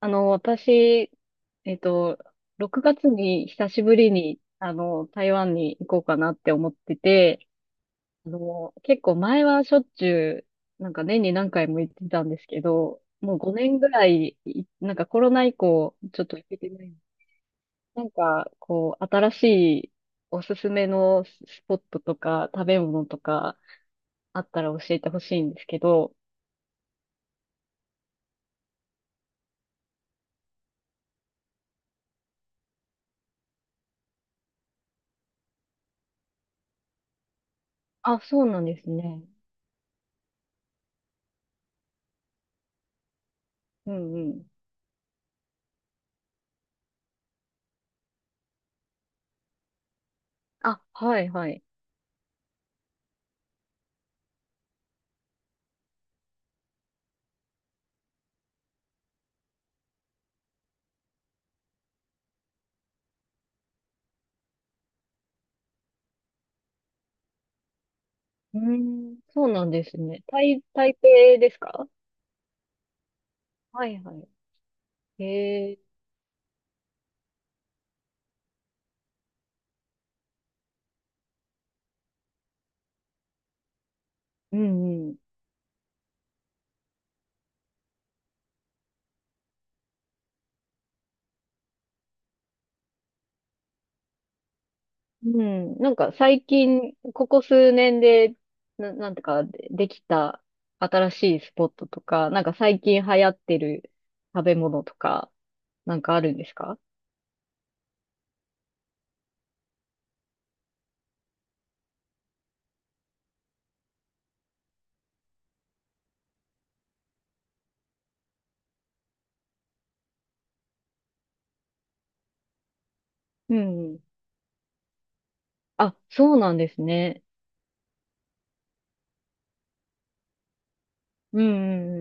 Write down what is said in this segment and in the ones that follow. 私、えっと、6月に久しぶりに、台湾に行こうかなって思ってて、結構前はしょっちゅう、なんか年に何回も行ってたんですけど、もう5年ぐらい、なんかコロナ以降、ちょっと行けてない。なんか、こう、新しいおすすめのスポットとか、食べ物とか、あったら教えてほしいんですけど、あ、そうなんですね。うんうん。あ、はいはい。うーん、そうなんですね。台北ですか？はいはい。へえ、うんうん。うん、なんか最近、ここ数年で、なんてか、できた新しいスポットとか、なんか最近流行ってる食べ物とか、なんかあるんですか？うんうん。あ、そうなんですね。うん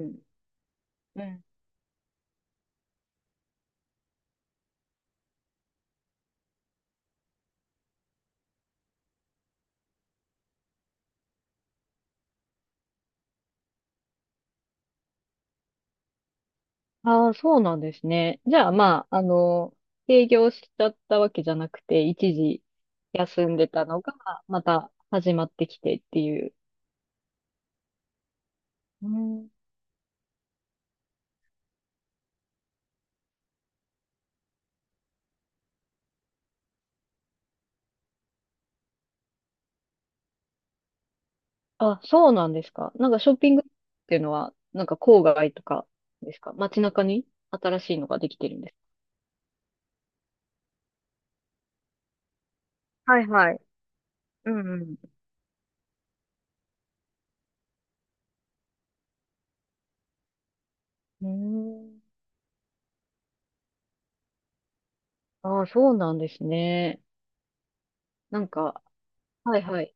うんうん。ああ、そうなんですね。じゃあ、まあ、営業しちゃったわけじゃなくて、一時休んでたのが、また始まってきてっていう。うん。あ、そうなんですか。なんかショッピングっていうのは、なんか郊外とかですか？街中に新しいのができてるんですか？はいはい。うんうん。うーん。ああ、そうなんですね。なんか、はいはい。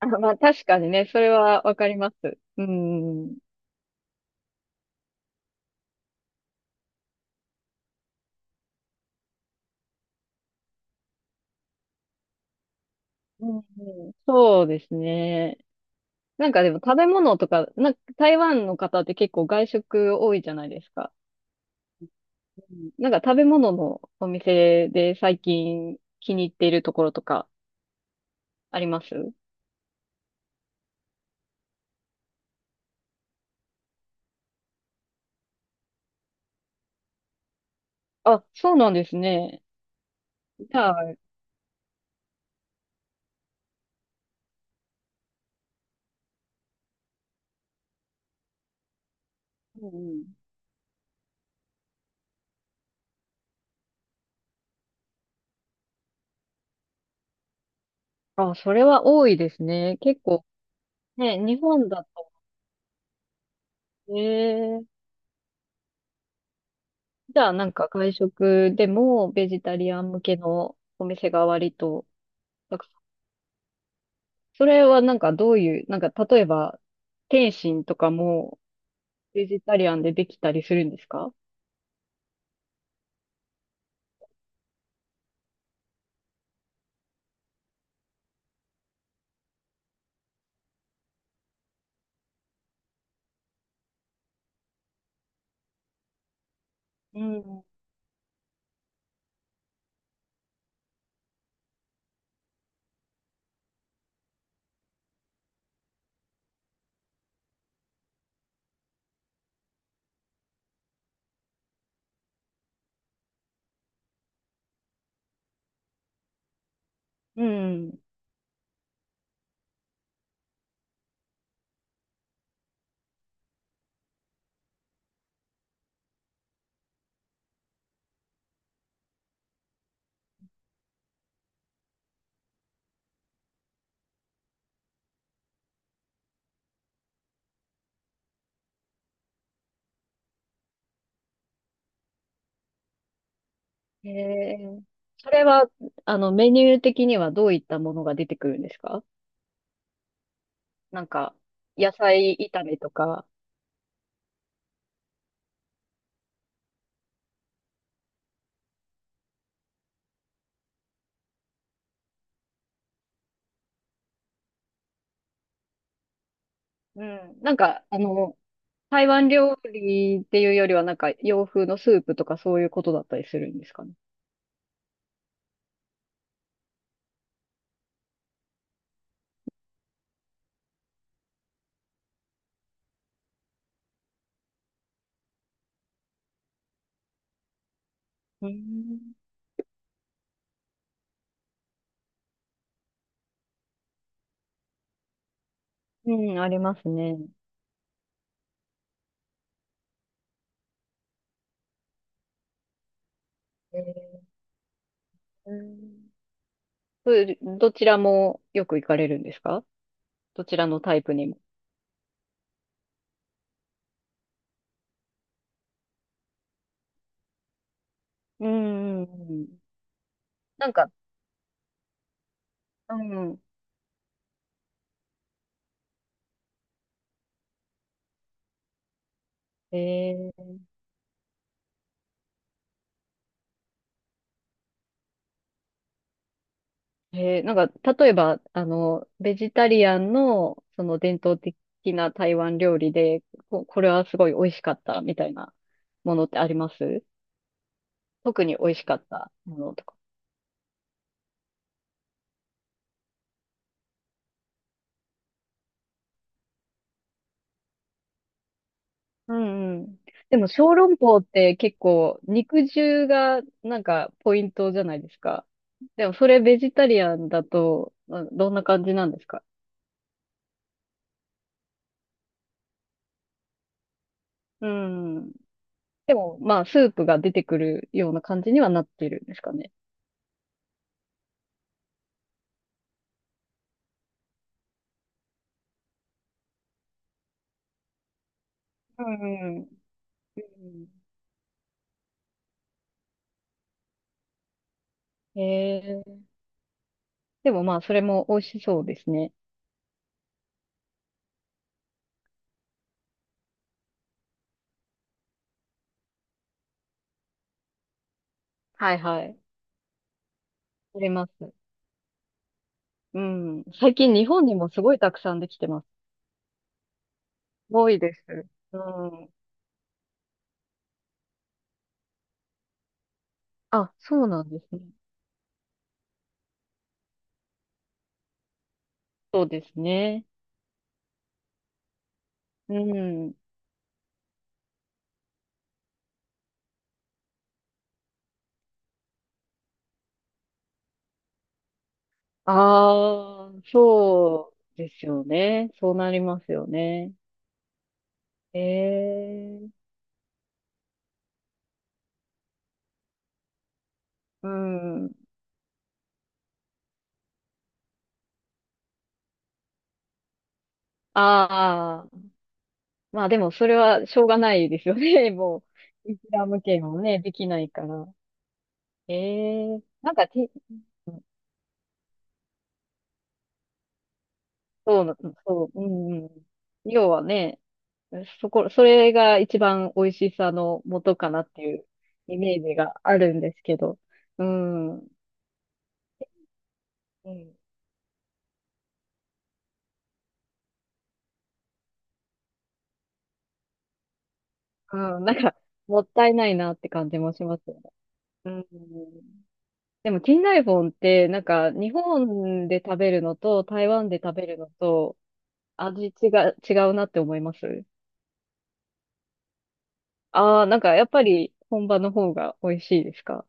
あ、まあ、確かにね、それはわかります。うん。うんうん、そうですね。なんかでも食べ物とか、なんか台湾の方って結構外食多いじゃないですか。うん。なんか食べ物のお店で最近気に入っているところとかあります？あ、そうなんですね。じゃあ、うんうん。あ、それは多いですね。結構ね、日本だと。えー、じゃあなんか外食でもベジタリアン向けのお店が割と、なんかそれはなんかどういう、なんか例えば、天津とかもベジタリアンでできたりするんですか？うん。うん。へえ。それは、メニュー的にはどういったものが出てくるんですか？なんか、野菜炒めとか。うん。なんか、台湾料理っていうよりは、なんか洋風のスープとかそういうことだったりするんですかね。うん。うん、ありますね。えーうん。そういうどちらもよく行かれるんですか？どちらのタイプにも。うん、うんうん。なんか、うん。えなんか、例えば、ベジタリアンの、その伝統的な台湾料理で、これはすごい美味しかったみたいなものってあります？特に美味しかったものとか。うんうん。でも小籠包って結構肉汁がなんかポイントじゃないですか。でもそれベジタリアンだとまあどんな感じなんですか？うん。でもまあスープが出てくるような感じにはなってるんですかね。うんうん。うんへえ。でもまあそれも美味しそうですね。はいはい。あります。うん。最近日本にもすごいたくさんできてます。すごいです。うん。あ、そうなんですね。そうですね。うん。ああ、そうですよね。そうなりますよね。ええ、うん。ああ、まあでもそれはしょうがないですよね。もう、イスラム圏もね、できないから。ええ、なんかて、そうな、そう、うんうん。要はね、それが一番美味しさの元かなっていうイメージがあるんですけど。うん。うんうん、なんか、もったいないなって感じもしますよね。うん。でも、近代本って、なんか、日本で食べるのと、台湾で食べるのと、味違うなって思います？ああー、なんか、やっぱり、本場の方が美味しいですか？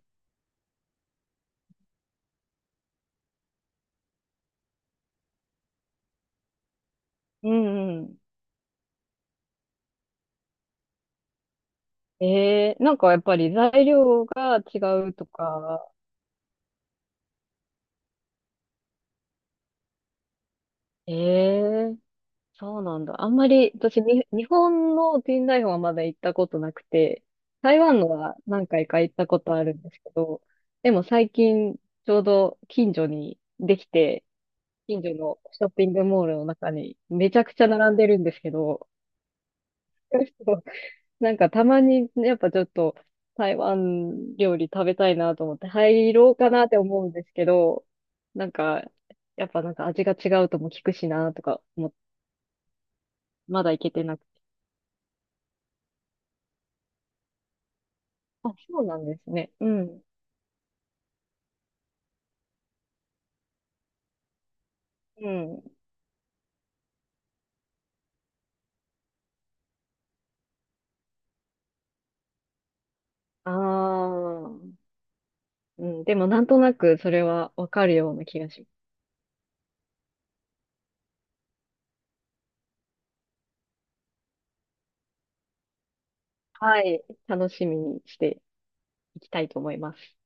うんうん。ええ。なんか、やっぱり材料が違うとか？ええ。そうなんだ。あんまり、私、日本のティンダイフはまだ行ったことなくて、台湾のは何回か行ったことあるんですけど、でも最近、ちょうど近所にできて、近所のショッピングモールの中にめちゃくちゃ並んでるんですけど、なんかたまに、やっぱちょっと台湾料理食べたいなと思って入ろうかなって思うんですけど、なんか、やっぱなんか味が違うとも聞くしなとか思って、まだ行けてなく。あ、そうなんですね。うん。うん。ああ。うん。でも、なんとなくそれはわかるような気がします。はい。楽しみにしていきたいと思います。